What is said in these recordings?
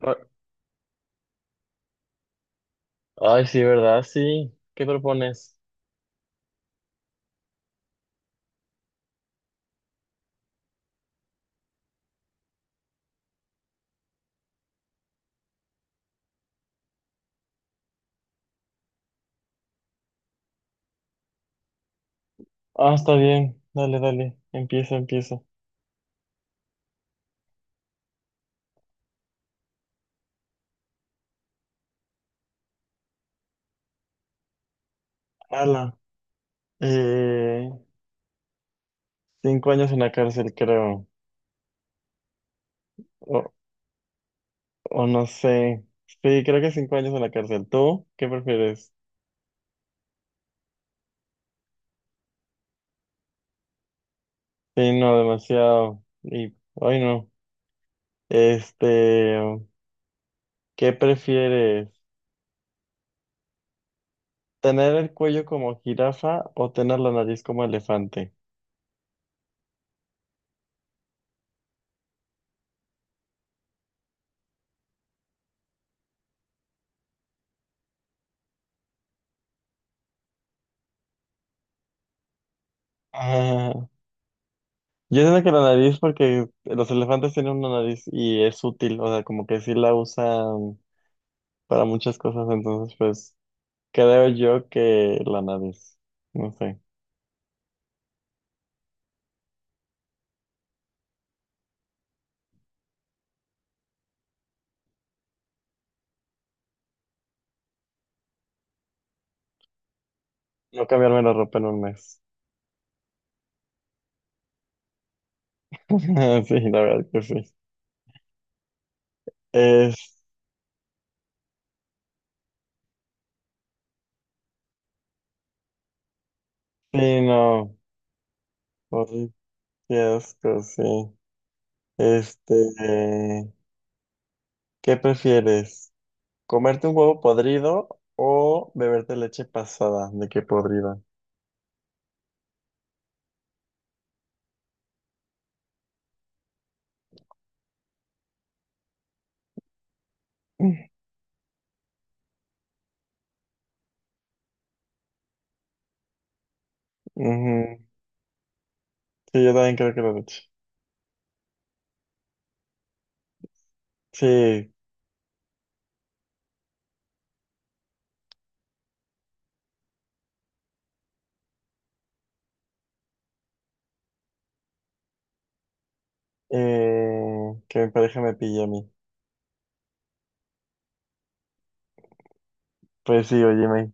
Ah, Ay, sí, ¿verdad? Sí. ¿Qué propones? Está bien. Dale, dale. Empieza, empieza. Ala. Eh, 5 años en la cárcel, creo. O, o no sé. Sí, creo que 5 años en la cárcel. ¿Tú qué prefieres? Sí, no, demasiado. Y, ay, no. Este, ¿qué prefieres? ¿Tener el cuello como jirafa o tener la nariz como elefante? Yo siento que la nariz, porque los elefantes tienen una nariz y es útil, o sea, como que sí la usan para muchas cosas, entonces pues creo yo que la nariz, no sé, no cambiarme la ropa en un mes. Sí, la verdad que sí. Es, sí, no. Ay, qué asco, sí. Este, eh, ¿qué prefieres? ¿Comerte un huevo podrido o beberte leche pasada? ¿De qué podrida? Ujú. Sí, yo también creo que la leche. Sí, que mi pareja me pille a mí. Pues sí, oye, me...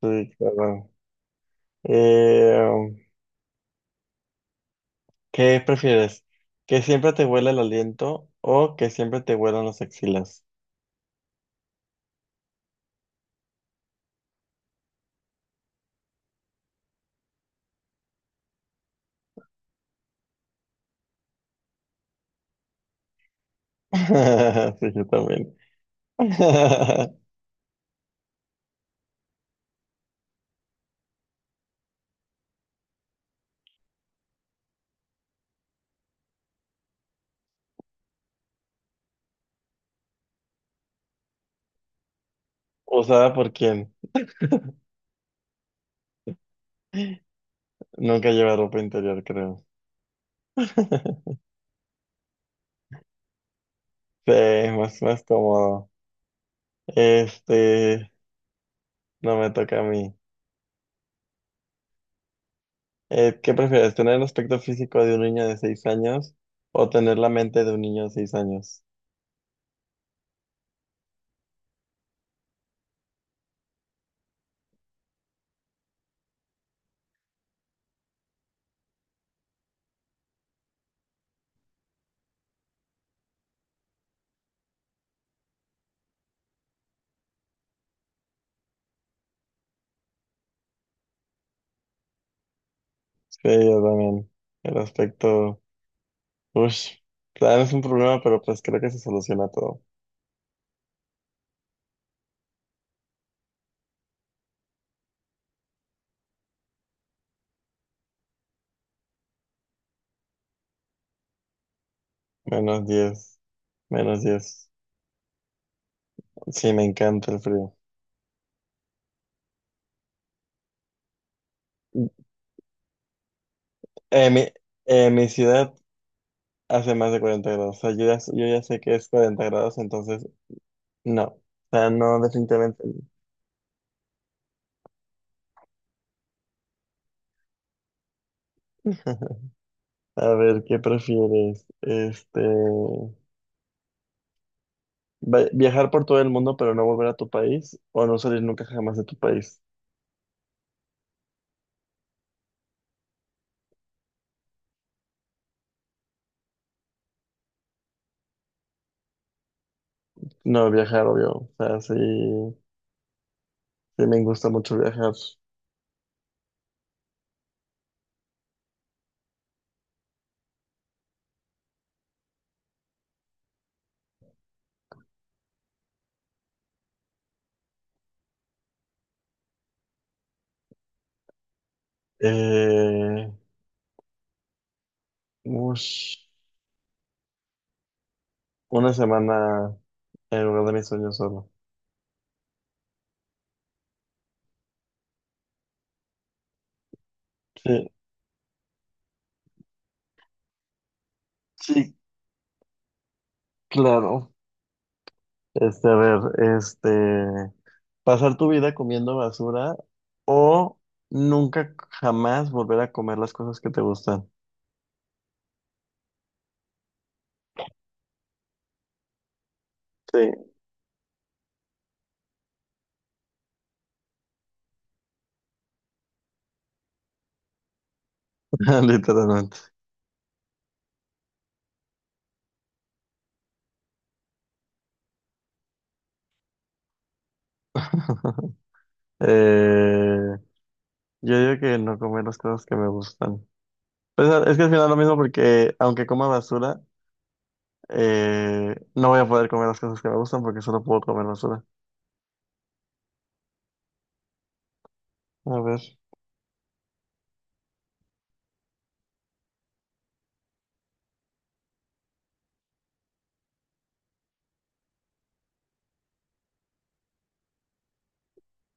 Sí, claro. Bueno. Eh, um, ¿Qué prefieres? ¿Que siempre te huela el aliento o que siempre te huelan las axilas? Sí, yo también. ¿Usada por quién? Nunca lleva ropa interior, creo. Sí, más cómodo. Este, no me toca a mí. ¿Qué prefieres? ¿Tener el aspecto físico de un niño de 6 años o tener la mente de un niño de 6 años? Sí, yo también. El aspecto, uff, claro, es un problema, pero pues creo que se soluciona todo. Menos 10 menos diez. Sí, me encanta el frío. En mi, en mi ciudad hace más de 40 grados. O sea, yo ya sé que es 40 grados, entonces no. O sea, no, definitivamente. No. A ver, ¿qué prefieres? Este, viajar por todo el mundo, pero no volver a tu país, o no salir nunca jamás de tu país. No, viajar, obvio. O sea, sí, sí me gusta mucho viajar. Eh, Ush, una semana en lugar de mis sueños solo. Sí, sí, claro. Este, a ver, este, pasar tu vida comiendo basura o nunca jamás volver a comer las cosas que te gustan. Sí, literalmente. Eh, yo digo que no comer las cosas que me gustan. Pues, ah, es que al final lo mismo porque aunque coma basura, no voy a poder comer las cosas que me gustan porque solo puedo comer basura. A ver.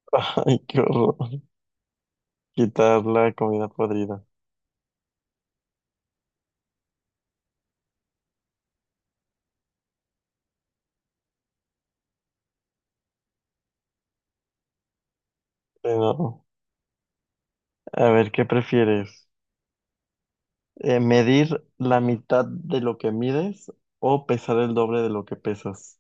Ay, qué horror. Quitar la comida podrida. Pero, a ver, ¿qué prefieres? ¿Medir la mitad de lo que mides o pesar el doble de lo que pesas?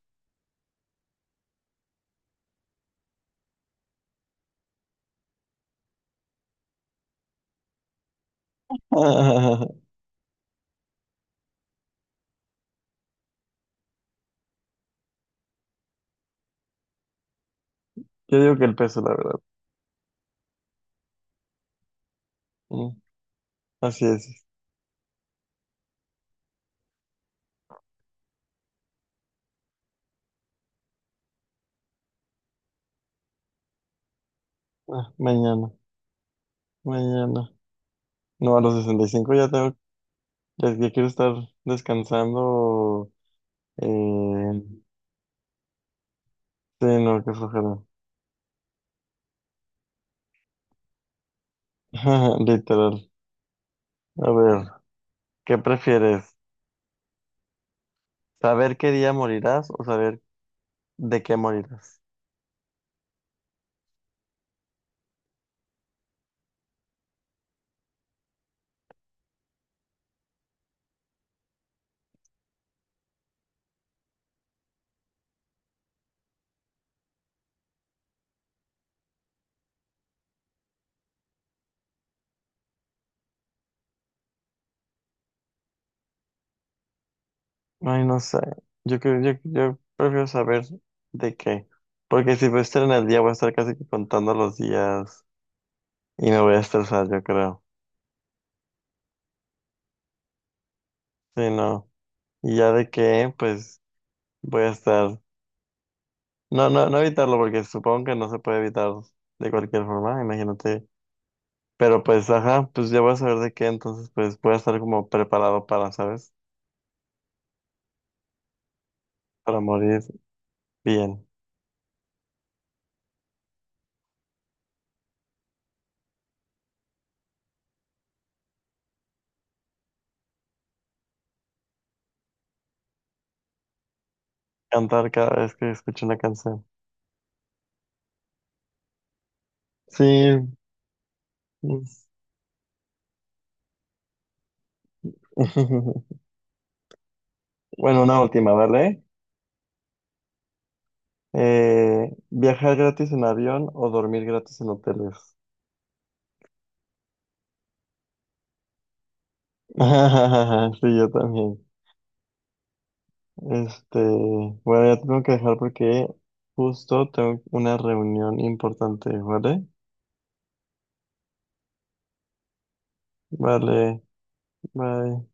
Yo digo que el peso, la verdad. Mm, así es. Ah, mañana, mañana. No, a los 65 ya tengo, ya quiero estar descansando. Eh, sí, no, qué flojera. Literal. A ver, ¿qué prefieres? ¿Saber qué día morirás o saber ¿de qué morirás? Ay, no sé. Yo creo, yo prefiero saber de qué. Porque si voy a estar en el día, voy a estar casi que contando los días y me voy a estresar, yo creo. Sí, no. Y ya de qué, pues voy a estar. No, no, no evitarlo, porque supongo que no se puede evitar de cualquier forma, imagínate. Pero pues, ajá, pues ya voy a saber de qué, entonces pues voy a estar como preparado para, ¿sabes? Para morir bien. Cantar cada vez que escucho una canción. Sí. Bueno, una última, ¿vale? ¿Viajar gratis en avión o dormir gratis en hoteles? Sí, yo también. Este, bueno, ya te tengo que dejar porque justo tengo una reunión importante, ¿vale? Vale, bye.